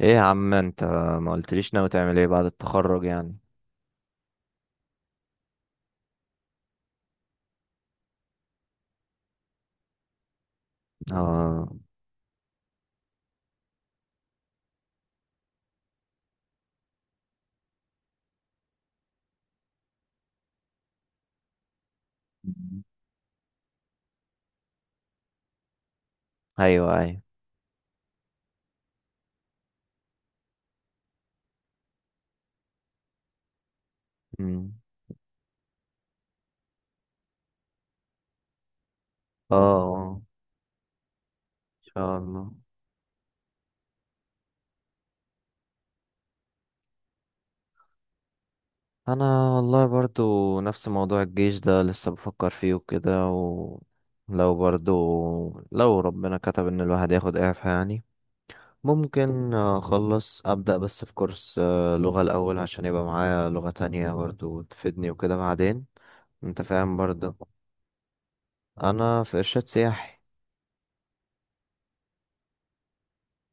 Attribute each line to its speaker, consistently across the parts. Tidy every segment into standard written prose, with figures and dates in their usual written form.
Speaker 1: ايه يا عم انت؟ ما قلتليش ناوي تعمل ايه بعد التخرج يعني. اه، ايوه، ايوه. مم. اه، ان شاء الله. انا والله برضو نفس موضوع الجيش ده لسه بفكر فيه وكده، ولو برضو لو ربنا كتب ان الواحد ياخد اعفاء يعني ممكن اخلص ابدا، بس في كورس لغة الاول عشان يبقى معايا لغة تانية برضو تفيدني وكده بعدين. انت فاهم برضو. انا في ارشاد سياحي.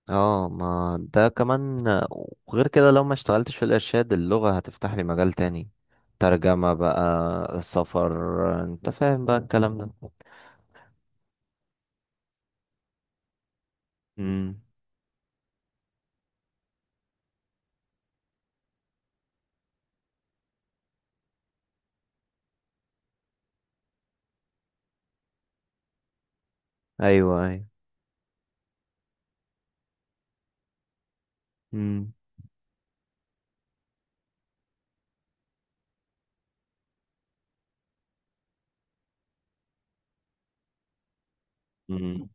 Speaker 1: اه، ما ده كمان، وغير كده لو ما اشتغلتش في الارشاد اللغة هتفتح لي مجال تاني، ترجمة بقى، سفر، انت فاهم بقى الكلام ده. امم. ايوه، ايوه. امم، امم،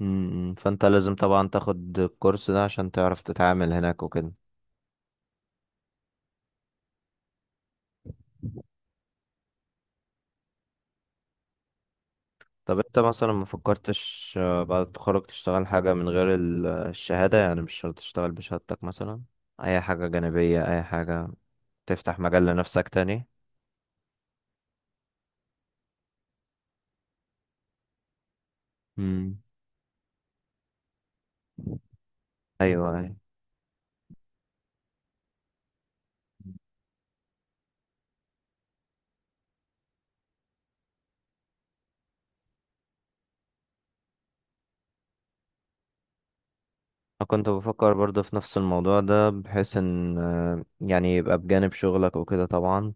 Speaker 1: امم. فانت لازم طبعا تاخد الكورس ده عشان تعرف تتعامل هناك وكده. طب انت مثلا ما فكرتش بعد التخرج تشتغل حاجة من غير الشهادة؟ يعني مش شرط تشتغل بشهادتك مثلا، اي حاجة جانبية، اي حاجة تفتح مجال لنفسك تاني. امم. ايوه. أنا كنت بفكر برضه في نفس الموضوع ده، بحيث ان يعني يبقى بجانب شغلك وكده طبعا.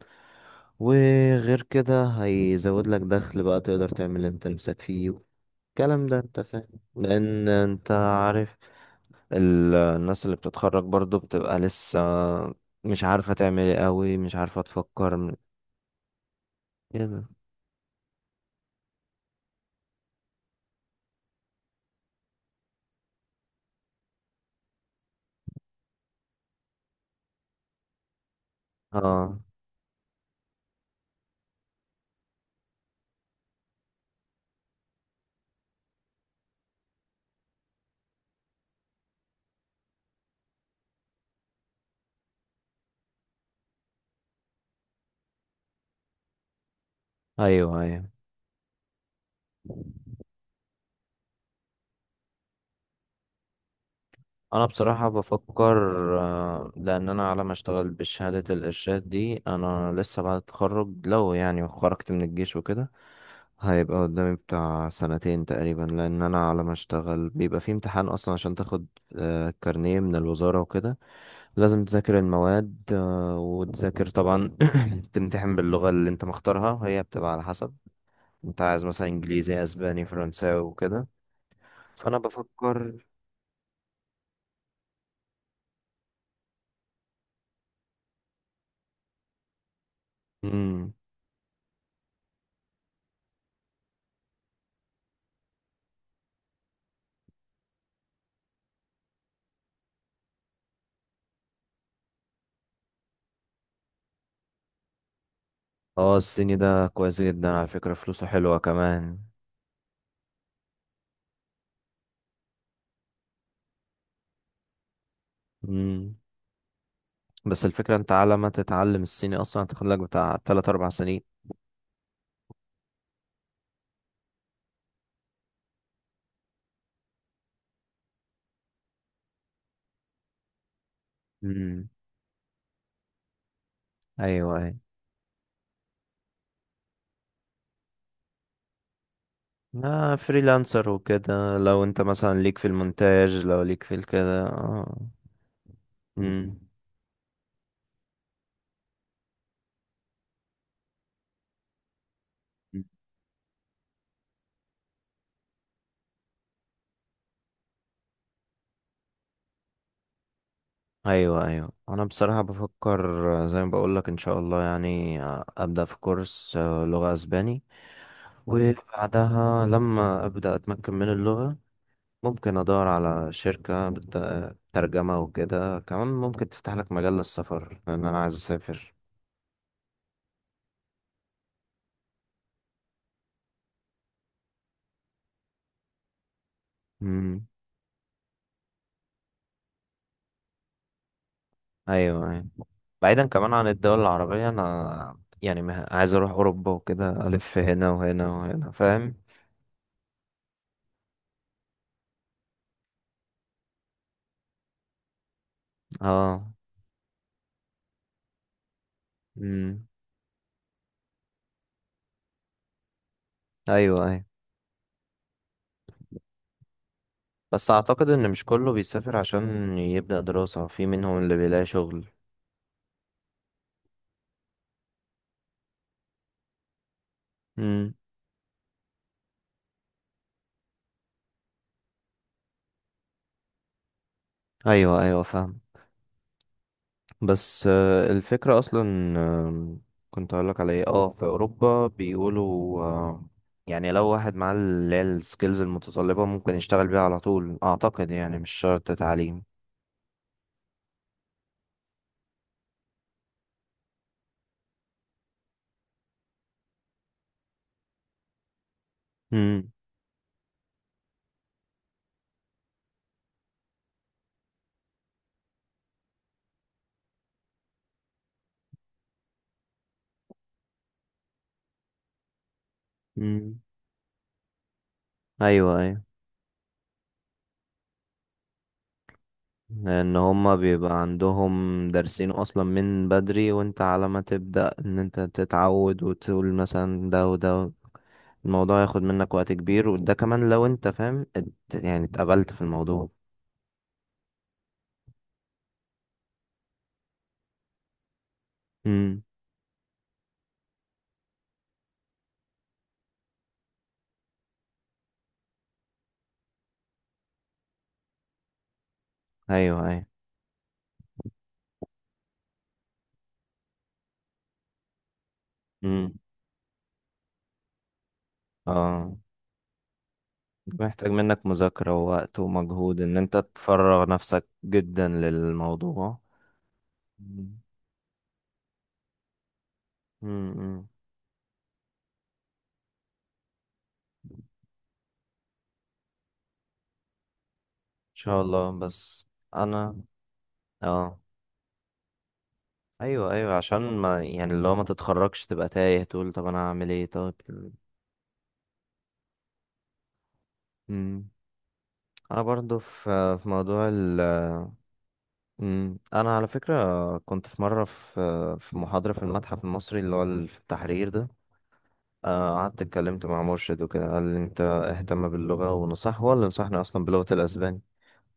Speaker 1: وغير كده هيزود لك دخل، بقى تقدر تعمل اللي انت نفسك فيه، الكلام ده انت فاهم. لان انت عارف الناس اللي بتتخرج برضه بتبقى لسه مش عارفة تعمل ايه قوي، مش عارفة تفكر كده. اه، ايوه، ايوه. انا بصراحة بفكر لان انا على ما اشتغل بشهادة الارشاد دي، انا لسه بعد التخرج لو يعني خرجت من الجيش وكده هيبقى قدامي بتاع سنتين تقريبا، لان انا على ما اشتغل بيبقى في امتحان اصلا عشان تاخد كارنيه من الوزارة وكده. لازم تذاكر المواد وتذاكر طبعا تمتحن باللغة اللي انت مختارها، وهي بتبقى على حسب انت عايز مثلا انجليزي، اسباني، فرنساوي، وكده. فانا بفكر. اه، الصيني ده كويس جدا على فكرة، فلوسه حلوة كمان. مم. بس الفكرة انت على ما تتعلم الصيني اصلا هتاخدلك بتاع 3 4 سنين. امم. ايوه، ايوه. فريلانسر وكده، لو انت مثلا ليك في المونتاج، لو ليك في الكده مم. ايوه، ايوه. انا بصراحة بفكر زي ما بقولك ان شاء الله يعني ابدأ في كورس لغة اسباني، وبعدها لما ابدأ اتمكن من اللغة ممكن ادور على شركة ترجمة وكده. كمان ممكن تفتح لك مجال للسفر، لان انا عايز اسافر. امم. ايوه، أيوة. بعيدا كمان عن الدول العربية، انا يعني عايز اروح اوروبا وكده، الف هنا وهنا وهنا، فاهم. اه. امم. ايوه، ايوه. بس اعتقد ان مش كله بيسافر عشان يبدأ دراسة، في منهم اللي بيلاقي شغل. امم. ايوه، ايوه، فاهم. بس الفكرة أصلا، آم، كنت هقولك على إيه، في أوروبا بيقولوا يعني لو واحد معاه اللي هي السكيلز المتطلبة ممكن يشتغل بيها على طول، أعتقد يعني مش شرط تعليم. امم، امم. ايوه، ايوه. لان هما بيبقى عندهم دارسين اصلا من بدري، وانت على ما تبدا ان انت تتعود وتقول مثلا ده وده، الموضوع ياخد منك وقت كبير، وده كمان لو انت فاهم يعني اتقبلت في الموضوع. امم. ايوه، ايوه. مم. اه، محتاج منك مذاكرة ووقت ومجهود ان انت تفرغ نفسك جدا للموضوع. مم. مم. ان شاء الله. بس انا، اه، ايوه، ايوه، عشان ما يعني اللي هو ما تتخرجش تبقى تايه تقول طب انا هعمل ايه طب. مم. انا برضو في موضوع مم. انا على فكرة كنت في مرة في محاضرة في المتحف المصري اللي هو في التحرير ده. قعدت اتكلمت مع مرشد وكده، قال لي انت اهتم باللغة، ونصح هو اللي نصحني اصلا بلغة الاسباني.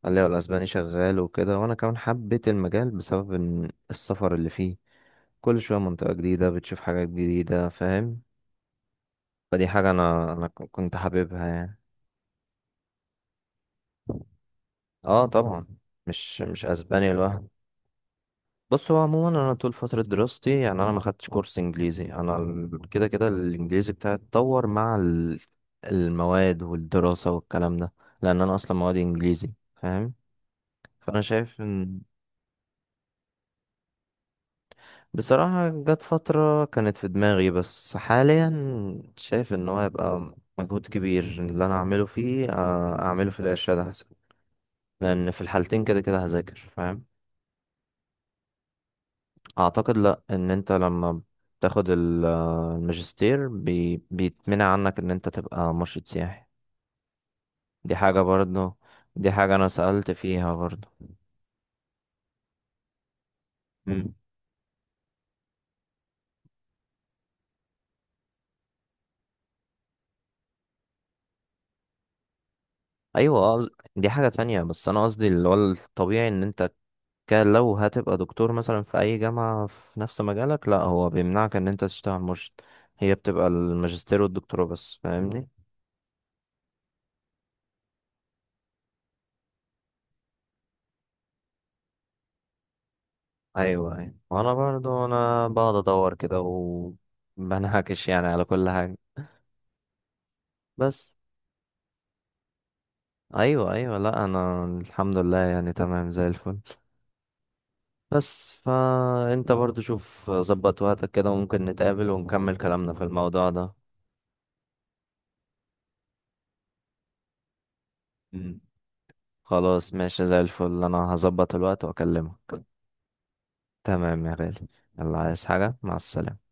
Speaker 1: قال لي هو الاسباني شغال وكده، وانا كمان حبيت المجال بسبب إن السفر اللي فيه كل شوية منطقة جديدة، بتشوف حاجات جديدة، فاهم. فدي حاجة انا كنت حاببها يعني. اه طبعا. مش اسباني لوحده. بص هو عموما انا طول فتره دراستي يعني انا ما خدتش كورس انجليزي، انا كده كده الانجليزي بتاعي اتطور مع المواد والدراسه والكلام ده، لان انا اصلا مواد انجليزي، فاهم. فانا شايف ان بصراحه جت فتره كانت في دماغي، بس حاليا شايف ان هو هيبقى مجهود كبير اللي انا اعمله فيه، اعمله في الارشاد احسن، لان في الحالتين كده كده هذاكر، فاهم. اعتقد لا، ان انت لما بتاخد الماجستير بيتمنع عنك ان انت تبقى مرشد سياحي. دي حاجة برضه، دي حاجة انا سألت فيها برضه. مم. ايوه، دي حاجة تانية، بس انا قصدي اللي هو الطبيعي ان انت، لو هتبقى دكتور مثلا في اي جامعة في نفس مجالك، لا هو بيمنعك ان انت تشتغل مرشد. هي بتبقى الماجستير والدكتوراه بس، فاهمني. ايوه، ايوه. وانا برضو انا بقعد ادور كده، وبنهكش يعني على كل حاجة، بس. ايوه، ايوه، لا انا الحمد لله يعني تمام زي الفل. بس فانت برضو شوف ظبط وقتك كده، وممكن نتقابل ونكمل كلامنا في الموضوع ده. مم. خلاص ماشي، زي الفل انا هظبط الوقت واكلمك. تمام يا غالي. يلا عايز حاجة، مع السلامة.